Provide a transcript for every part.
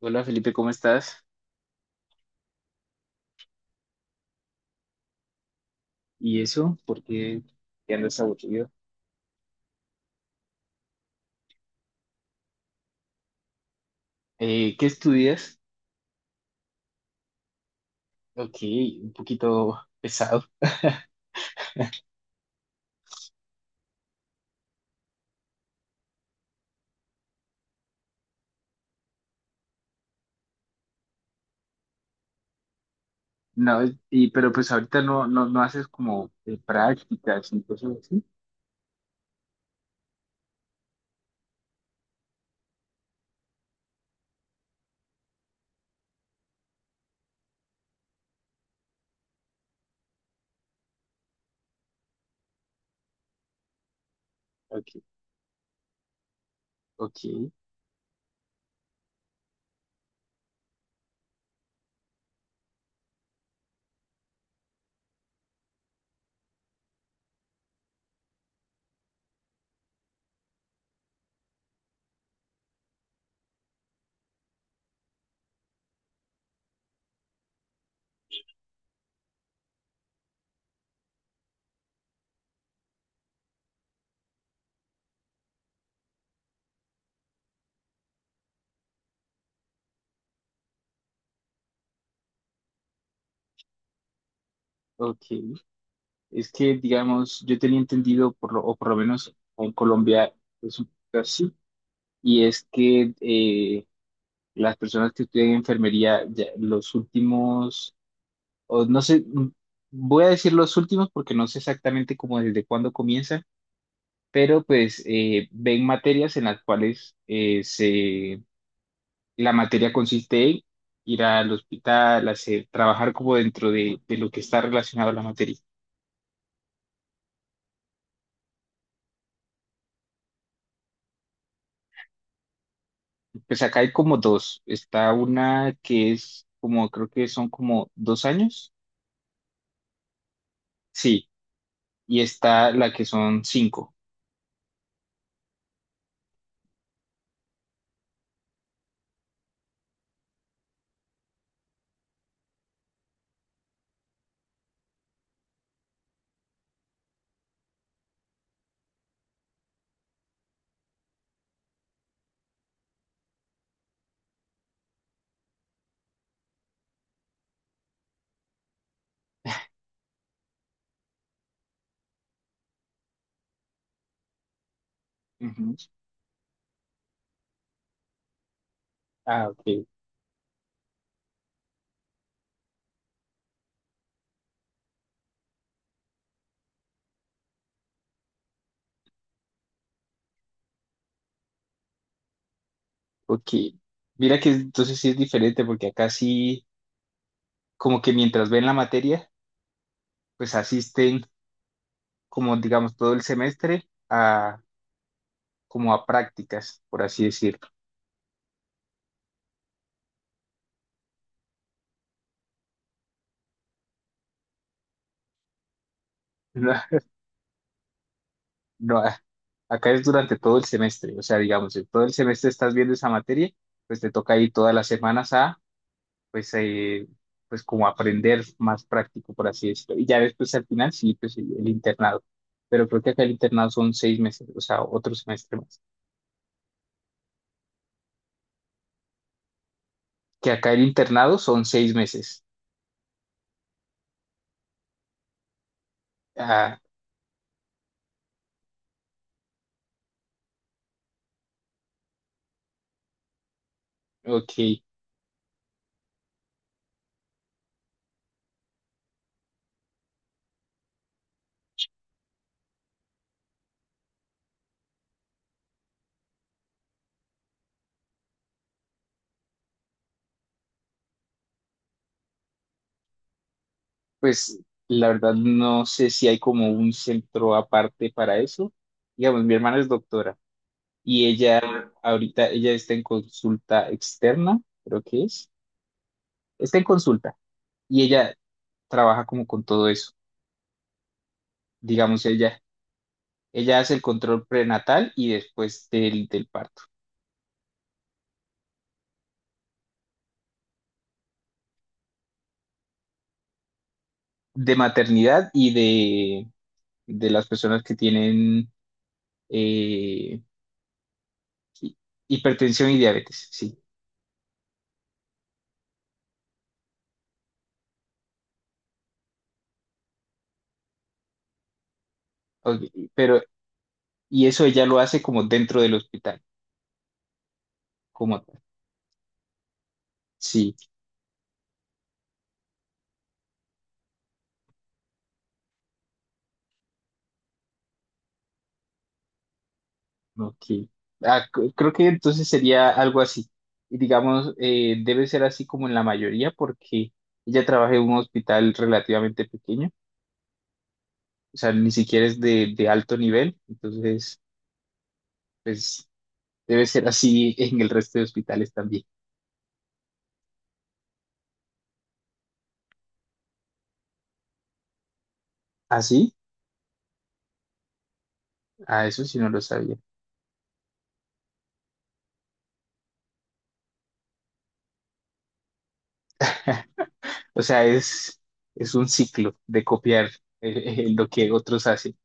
Hola Felipe, ¿cómo estás? ¿Y eso? ¿Por qué ya andas aburrido? ¿Qué estudias? Ok, un poquito pesado. No, y, pero pues ahorita no haces como prácticas y cosas así. Ok, ok, ok. Es que, digamos, yo tenía entendido, por lo, o por lo menos en Colombia es un poco así, y es que las personas que estudian enfermería, ya los últimos o no sé, voy a decir los últimos porque no sé exactamente cómo desde cuándo comienza, pero pues ven materias en las cuales se, la materia consiste en ir al hospital, hacer, trabajar como dentro de lo que está relacionado a la materia. Pues acá hay como dos, está una que es como, creo que son como dos años, sí, y está la que son cinco. Ujú. Ah, ok. Mira que entonces sí es diferente porque acá sí como que mientras ven la materia, pues asisten como digamos todo el semestre a como a prácticas, por así decirlo. No, no, a- acá es durante todo el semestre, o sea, digamos, en todo el semestre estás viendo esa materia, pues te toca ir todas las semanas a, pues, pues como aprender más práctico, por así decirlo. Y ya después al final sí, pues el internado. Pero creo que acá el internado son seis meses, o sea, otro semestre más. Que acá el internado son seis meses. Ah, ok. Pues la verdad no sé si hay como un centro aparte para eso. Digamos, mi hermana es doctora y ella ahorita, ella está en consulta externa, creo que es. Está en consulta y ella trabaja como con todo eso. Digamos, ella hace el control prenatal y después del, del parto, de maternidad y de las personas que tienen eh, hi- hipertensión y diabetes, sí. Ok, pero, y eso ella lo hace como dentro del hospital. Como tal. Sí, ok. Ah, creo que entonces sería algo así. Y digamos, debe ser así como en la mayoría, porque ella trabaja en un hospital relativamente pequeño, o sea, ni siquiera es de alto nivel, entonces, pues debe ser así en el resto de hospitales también. ¿Ah, sí? Ah, eso sí no lo sabía. O sea, es un ciclo de copiar lo que otros hacen.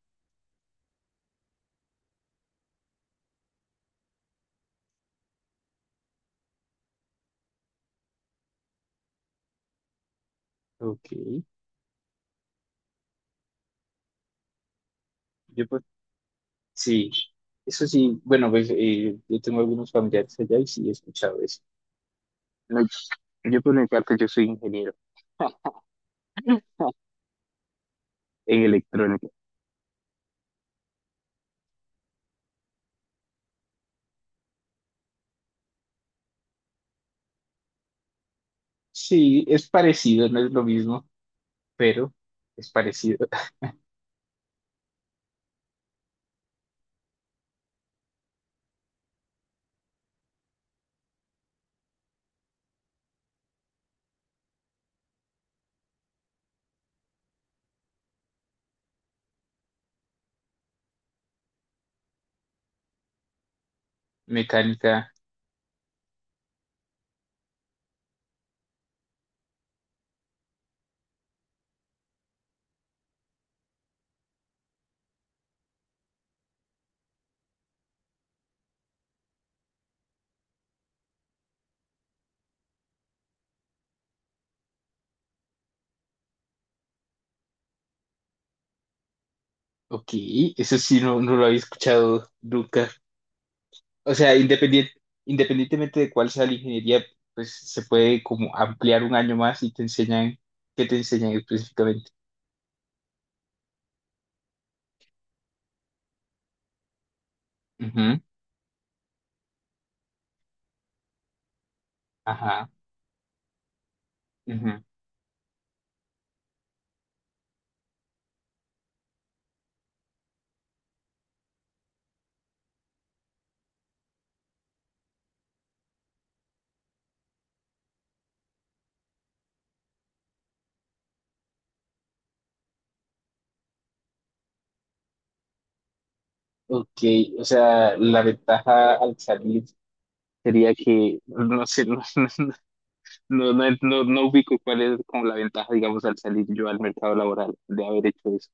Ok. Yo Sí, eso sí, bueno, pues yo tengo algunos familiares allá y sí he escuchado eso. No, yo por mi parte, yo soy ingeniero en electrónica. Sí, es parecido, no es lo mismo, pero es parecido. Mecánica, ok, eso sí, no, no lo había escuchado nunca. O sea, independiente, independientemente de cuál sea la ingeniería, pues se puede como ampliar un año más y te enseñan, ¿qué te enseñan específicamente? Ujú, ajá, ujú. Ok, o sea, la ventaja al salir sería que, no sé, no, no ubico cuál es como la ventaja, digamos, al salir yo al mercado laboral de haber hecho eso.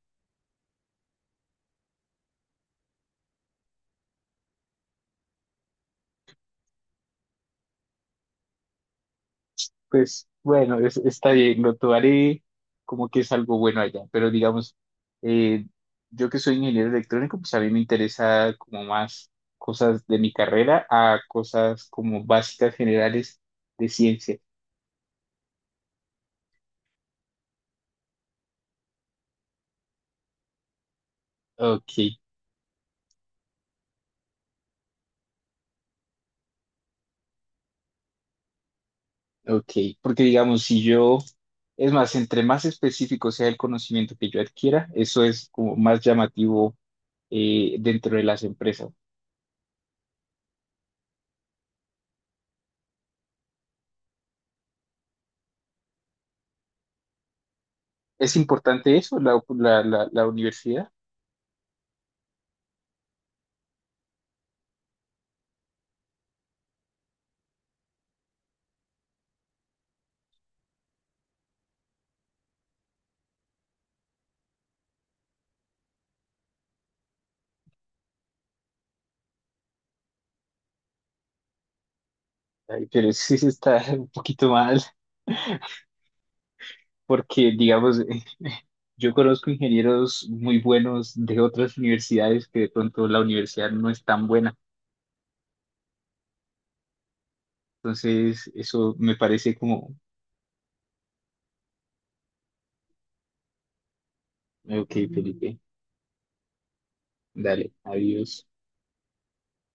Pues bueno, está bien, lo tomaré como que es algo bueno allá, pero digamos, eh, yo que soy ingeniero electrónico, pues a mí me interesa como más cosas de mi carrera a cosas como básicas generales de ciencia. Ok, Ok, porque digamos, si yo, es más, entre más específico sea el conocimiento que yo adquiera, eso es como más llamativo dentro de las empresas. ¿Es importante eso, la universidad? Ay, pero sí se está un poquito mal, porque digamos, yo conozco ingenieros muy buenos de otras universidades que de pronto la universidad no es tan buena. Entonces, eso me parece como, ok, Felipe, dale, adiós.